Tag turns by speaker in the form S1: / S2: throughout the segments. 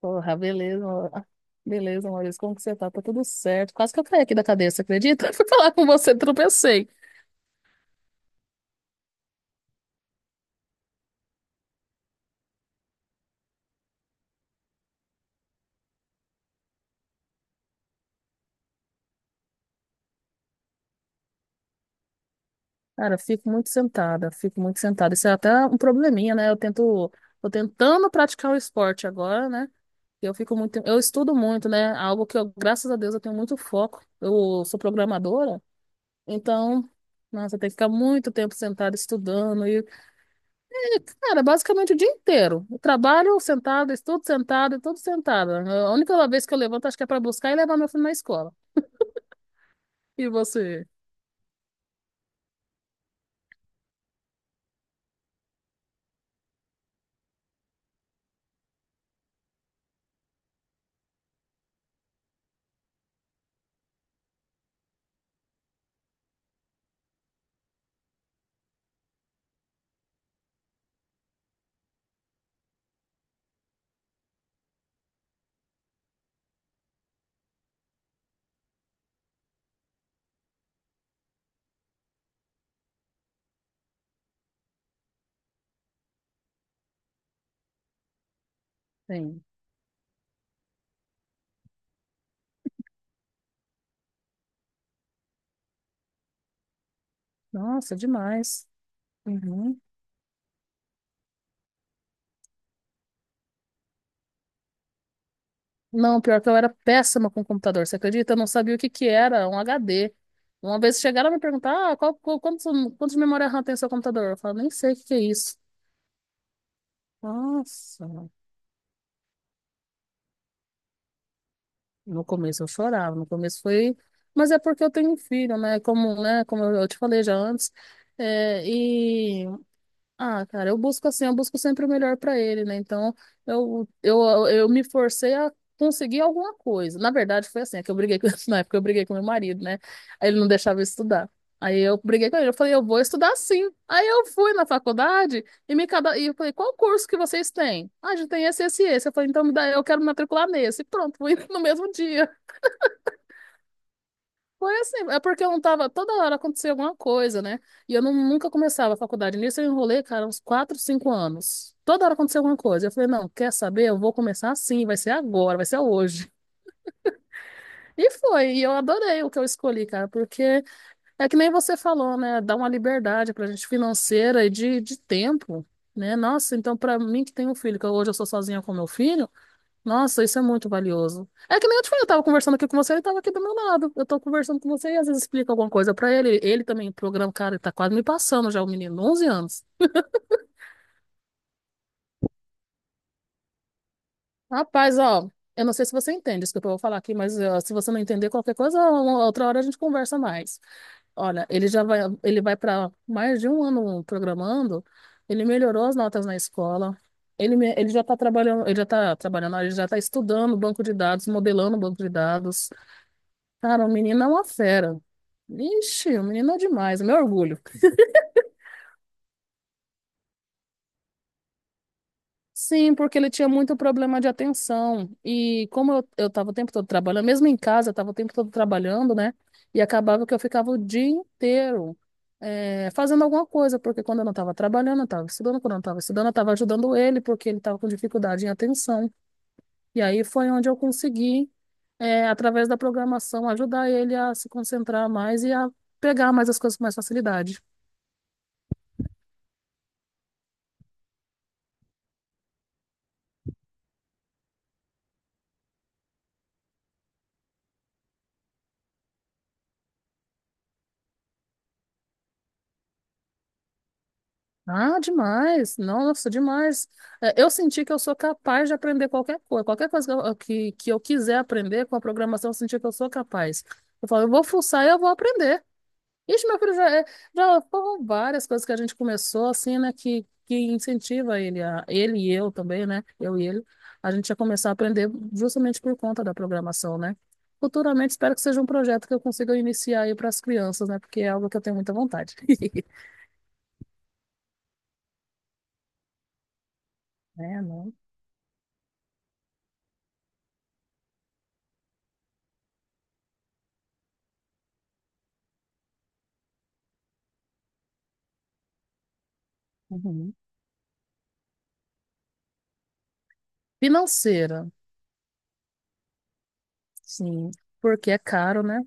S1: Porra, beleza, amor. Beleza, Maurício, como que você tá? Tá tudo certo. Quase que eu caí aqui da cadeira, você acredita? Fui falar com você, tropecei. Cara, fico muito sentada. Isso é até um probleminha, né? Tô tentando praticar o esporte agora, né? Eu fico muito, eu estudo muito, né? Algo que eu, graças a Deus, eu tenho muito foco. Eu sou programadora, então, nossa, tem que ficar muito tempo sentada estudando. Cara, basicamente o dia inteiro. Eu trabalho sentado, estudo sentado, e tudo sentado. A única vez que eu levanto, acho que é para buscar e levar meu filho na escola. E você? Tem. Nossa, demais. Uhum. Não, pior que eu era péssima com computador, você acredita? Eu não sabia o que que era um HD. Uma vez chegaram a me perguntar, ah, quantos de memória RAM tem o seu computador? Eu falo, nem sei o que que é isso. Nossa. No começo eu chorava, no começo foi, mas é porque eu tenho um filho, né? Como, né? Como eu te falei já antes. É, e ah, cara, eu busco assim, eu busco sempre o melhor para ele, né? Então eu, eu, eu me forcei a conseguir alguma coisa. Na verdade foi assim, é que eu briguei com, na época eu briguei com meu marido, né? Aí ele não deixava eu estudar. Aí eu briguei com ele, eu falei, eu vou estudar sim. Aí eu fui na faculdade e me cada... e eu falei, qual curso que vocês têm? Ah, a gente tem esse, esse, esse. Eu falei, então me dá, eu quero me matricular nesse. Pronto, fui no mesmo dia. Foi assim, é porque eu não tava, toda hora acontecia alguma coisa, né? E eu não, nunca começava a faculdade. Nisso eu enrolei, cara, uns 4 5 anos. Toda hora acontecia alguma coisa. Eu falei, não, quer saber? Eu vou começar assim, vai ser agora, vai ser hoje. E foi, e eu adorei o que eu escolhi, cara, porque é que nem você falou, né? Dá uma liberdade pra gente financeira e de tempo, né? Nossa, então pra mim que tem um filho, que hoje eu sou sozinha com meu filho, nossa, isso é muito valioso. É que nem eu te falei, eu tava conversando aqui com você, ele tava aqui do meu lado. Eu tô conversando com você e às vezes explica alguma coisa pra ele. Ele também programa, cara, ele tá quase me passando já, o menino, 11 anos. Rapaz, ó, eu não sei se você entende isso que eu vou falar aqui, mas ó, se você não entender qualquer coisa, uma outra hora a gente conversa mais. Olha, ele vai para mais de um ano programando, ele melhorou as notas na escola. Ele já está trabalhando, ele já está estudando banco de dados, modelando banco de dados. Cara, o menino é uma fera. Ixi, o menino é demais, é meu orgulho. Sim, porque ele tinha muito problema de atenção. E como eu tava o tempo todo trabalhando, mesmo em casa, eu tava o tempo todo trabalhando, né? E acabava que eu ficava o dia inteiro fazendo alguma coisa, porque quando eu não tava trabalhando, eu tava estudando, quando eu não tava estudando, eu tava ajudando ele, porque ele tava com dificuldade em atenção. E aí foi onde eu consegui, através da programação, ajudar ele a se concentrar mais e a pegar mais as coisas com mais facilidade. Ah, demais! Nossa, demais! É, eu senti que eu sou capaz de aprender qualquer coisa que eu quiser aprender com a programação, eu senti que eu sou capaz. Eu falo, eu vou fuçar e eu vou aprender. Ixi, meu filho, já, é- já foram várias coisas que a gente começou, assim, né, que incentiva ele, a, ele e eu também, né, eu e ele, a gente a começar a aprender justamente por conta da programação, né? Futuramente, espero que seja um projeto que eu consiga iniciar aí para as crianças, né, porque é algo que eu tenho muita vontade. É, não? Uhum. Financeira, sim, porque é caro, né?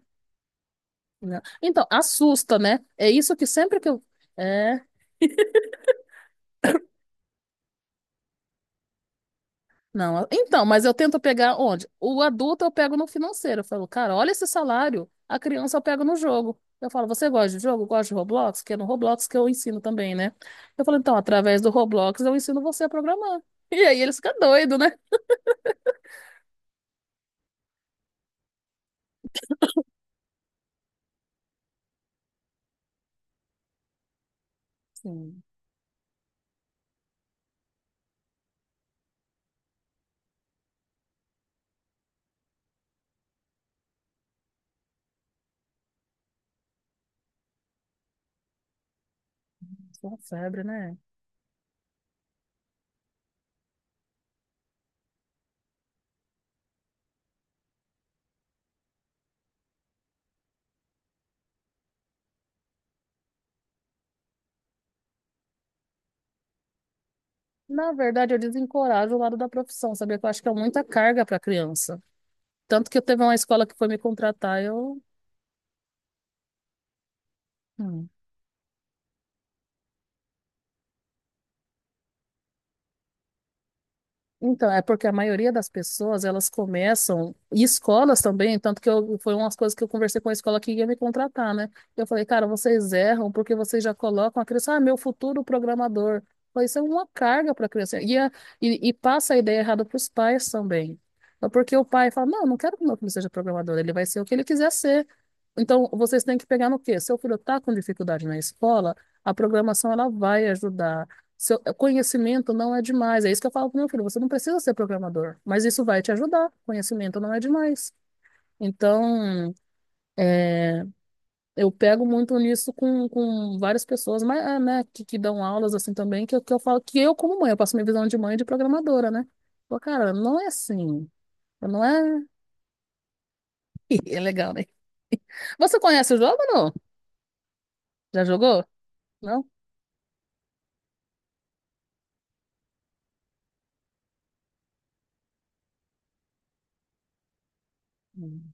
S1: Não. Então, assusta, né? É isso que sempre que eu. É, não. Então, mas eu tento pegar onde? O adulto eu pego no financeiro. Eu falo, cara, olha esse salário. A criança eu pego no jogo. Eu falo, você gosta de jogo? Gosta de Roblox? Que é no Roblox que eu ensino também, né? Eu falo, então, através do Roblox eu ensino você a programar. E aí eles ficam doidos, né? Sim, isso é uma febre, né? Na verdade, eu desencorajo o lado da profissão, sabia? Que eu acho que é muita carga para criança. Tanto que eu teve uma escola que foi me contratar, eu. Hum. Então, é porque a maioria das pessoas, elas começam, e escolas também, tanto que eu, foi umas coisas que eu conversei com a escola que ia me contratar, né? Eu falei, cara, vocês erram porque vocês já colocam a criança, ah, meu futuro programador. Eu falei, isso é uma carga para a criança. E passa a ideia errada para os pais também. É. Porque o pai fala, não, não quero que meu filho seja programador, ele vai ser o que ele quiser ser. Então, vocês têm que pegar no quê? Seu filho está com dificuldade na escola, a programação ela vai ajudar. Seu é, conhecimento não é demais. É isso que eu falo pro meu filho. Você não precisa ser programador, mas isso vai te ajudar. Conhecimento não é demais. Então, é, eu pego muito nisso com várias pessoas, mas, é, né, que dão aulas assim também, que eu falo que eu, como mãe, eu passo minha visão de mãe e de programadora, né? Pô, cara, não é assim. Não é. É legal, né? Você conhece o jogo ou não? Já jogou? Não? Hum,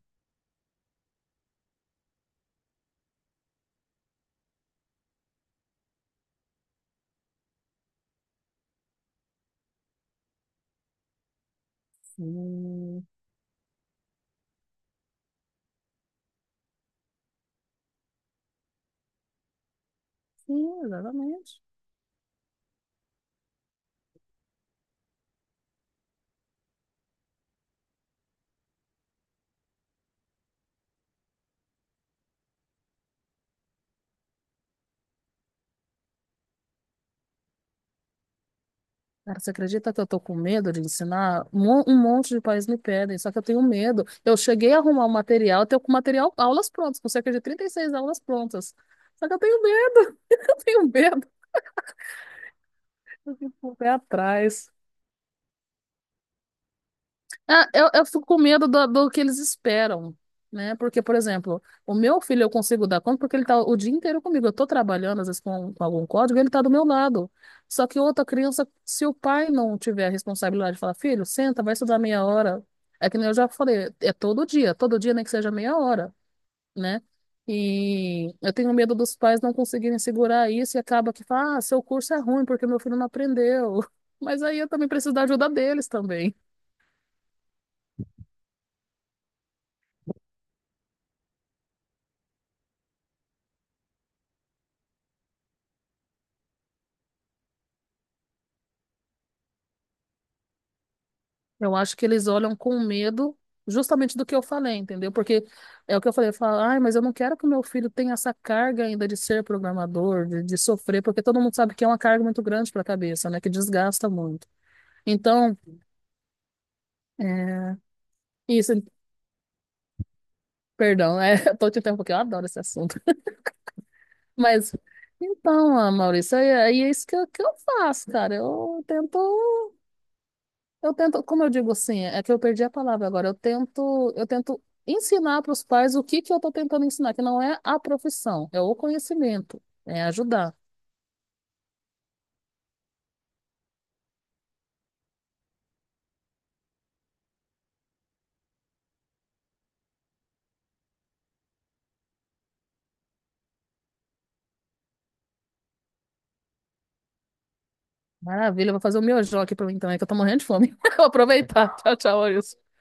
S1: sim, sim, exatamente. Cara, você acredita que eu tô com medo de ensinar? Mo- Um monte de pais me pedem, só que eu tenho medo. Eu cheguei a arrumar o material, eu tenho com material, aulas prontas, com cerca de 36 aulas prontas. Só que eu tenho medo, eu tenho medo. Eu fico com o pé atrás. É, eu fico com medo do que eles esperam, né? Porque, por exemplo, o meu filho eu consigo dar conta porque ele tá o dia inteiro comigo. Eu tô trabalhando, às vezes, com algum código, ele tá do meu lado. Só que outra criança, se o pai não tiver a responsabilidade de falar, filho, senta, vai estudar meia hora. É que nem eu já falei, é todo dia, nem que seja meia hora, né? E eu tenho medo dos pais não conseguirem segurar isso e acaba que fala, ah, seu curso é ruim porque meu filho não aprendeu. Mas aí eu também preciso da ajuda deles também. Eu acho que eles olham com medo justamente do que eu falei, entendeu? Porque é o que eu falei, eu falo, ai, mas eu não quero que o meu filho tenha essa carga ainda de ser programador, de sofrer, porque todo mundo sabe que é uma carga muito grande para a cabeça, né? Que desgasta muito. Então, é, isso, perdão, é, eu tô te interrompendo porque eu adoro esse assunto. Mas, então, ah, Maurício, aí é, é isso que eu faço, cara. Eu tento. Eu tento, como eu digo assim, é que eu perdi a palavra agora. Eu tento ensinar para os pais o que que eu estou tentando ensinar, que não é a profissão, é o conhecimento, é ajudar. Maravilha, eu vou fazer o meu miojão aqui para mim também, que eu tô morrendo de fome. Vou aproveitar. Tchau, tchau, Wilson.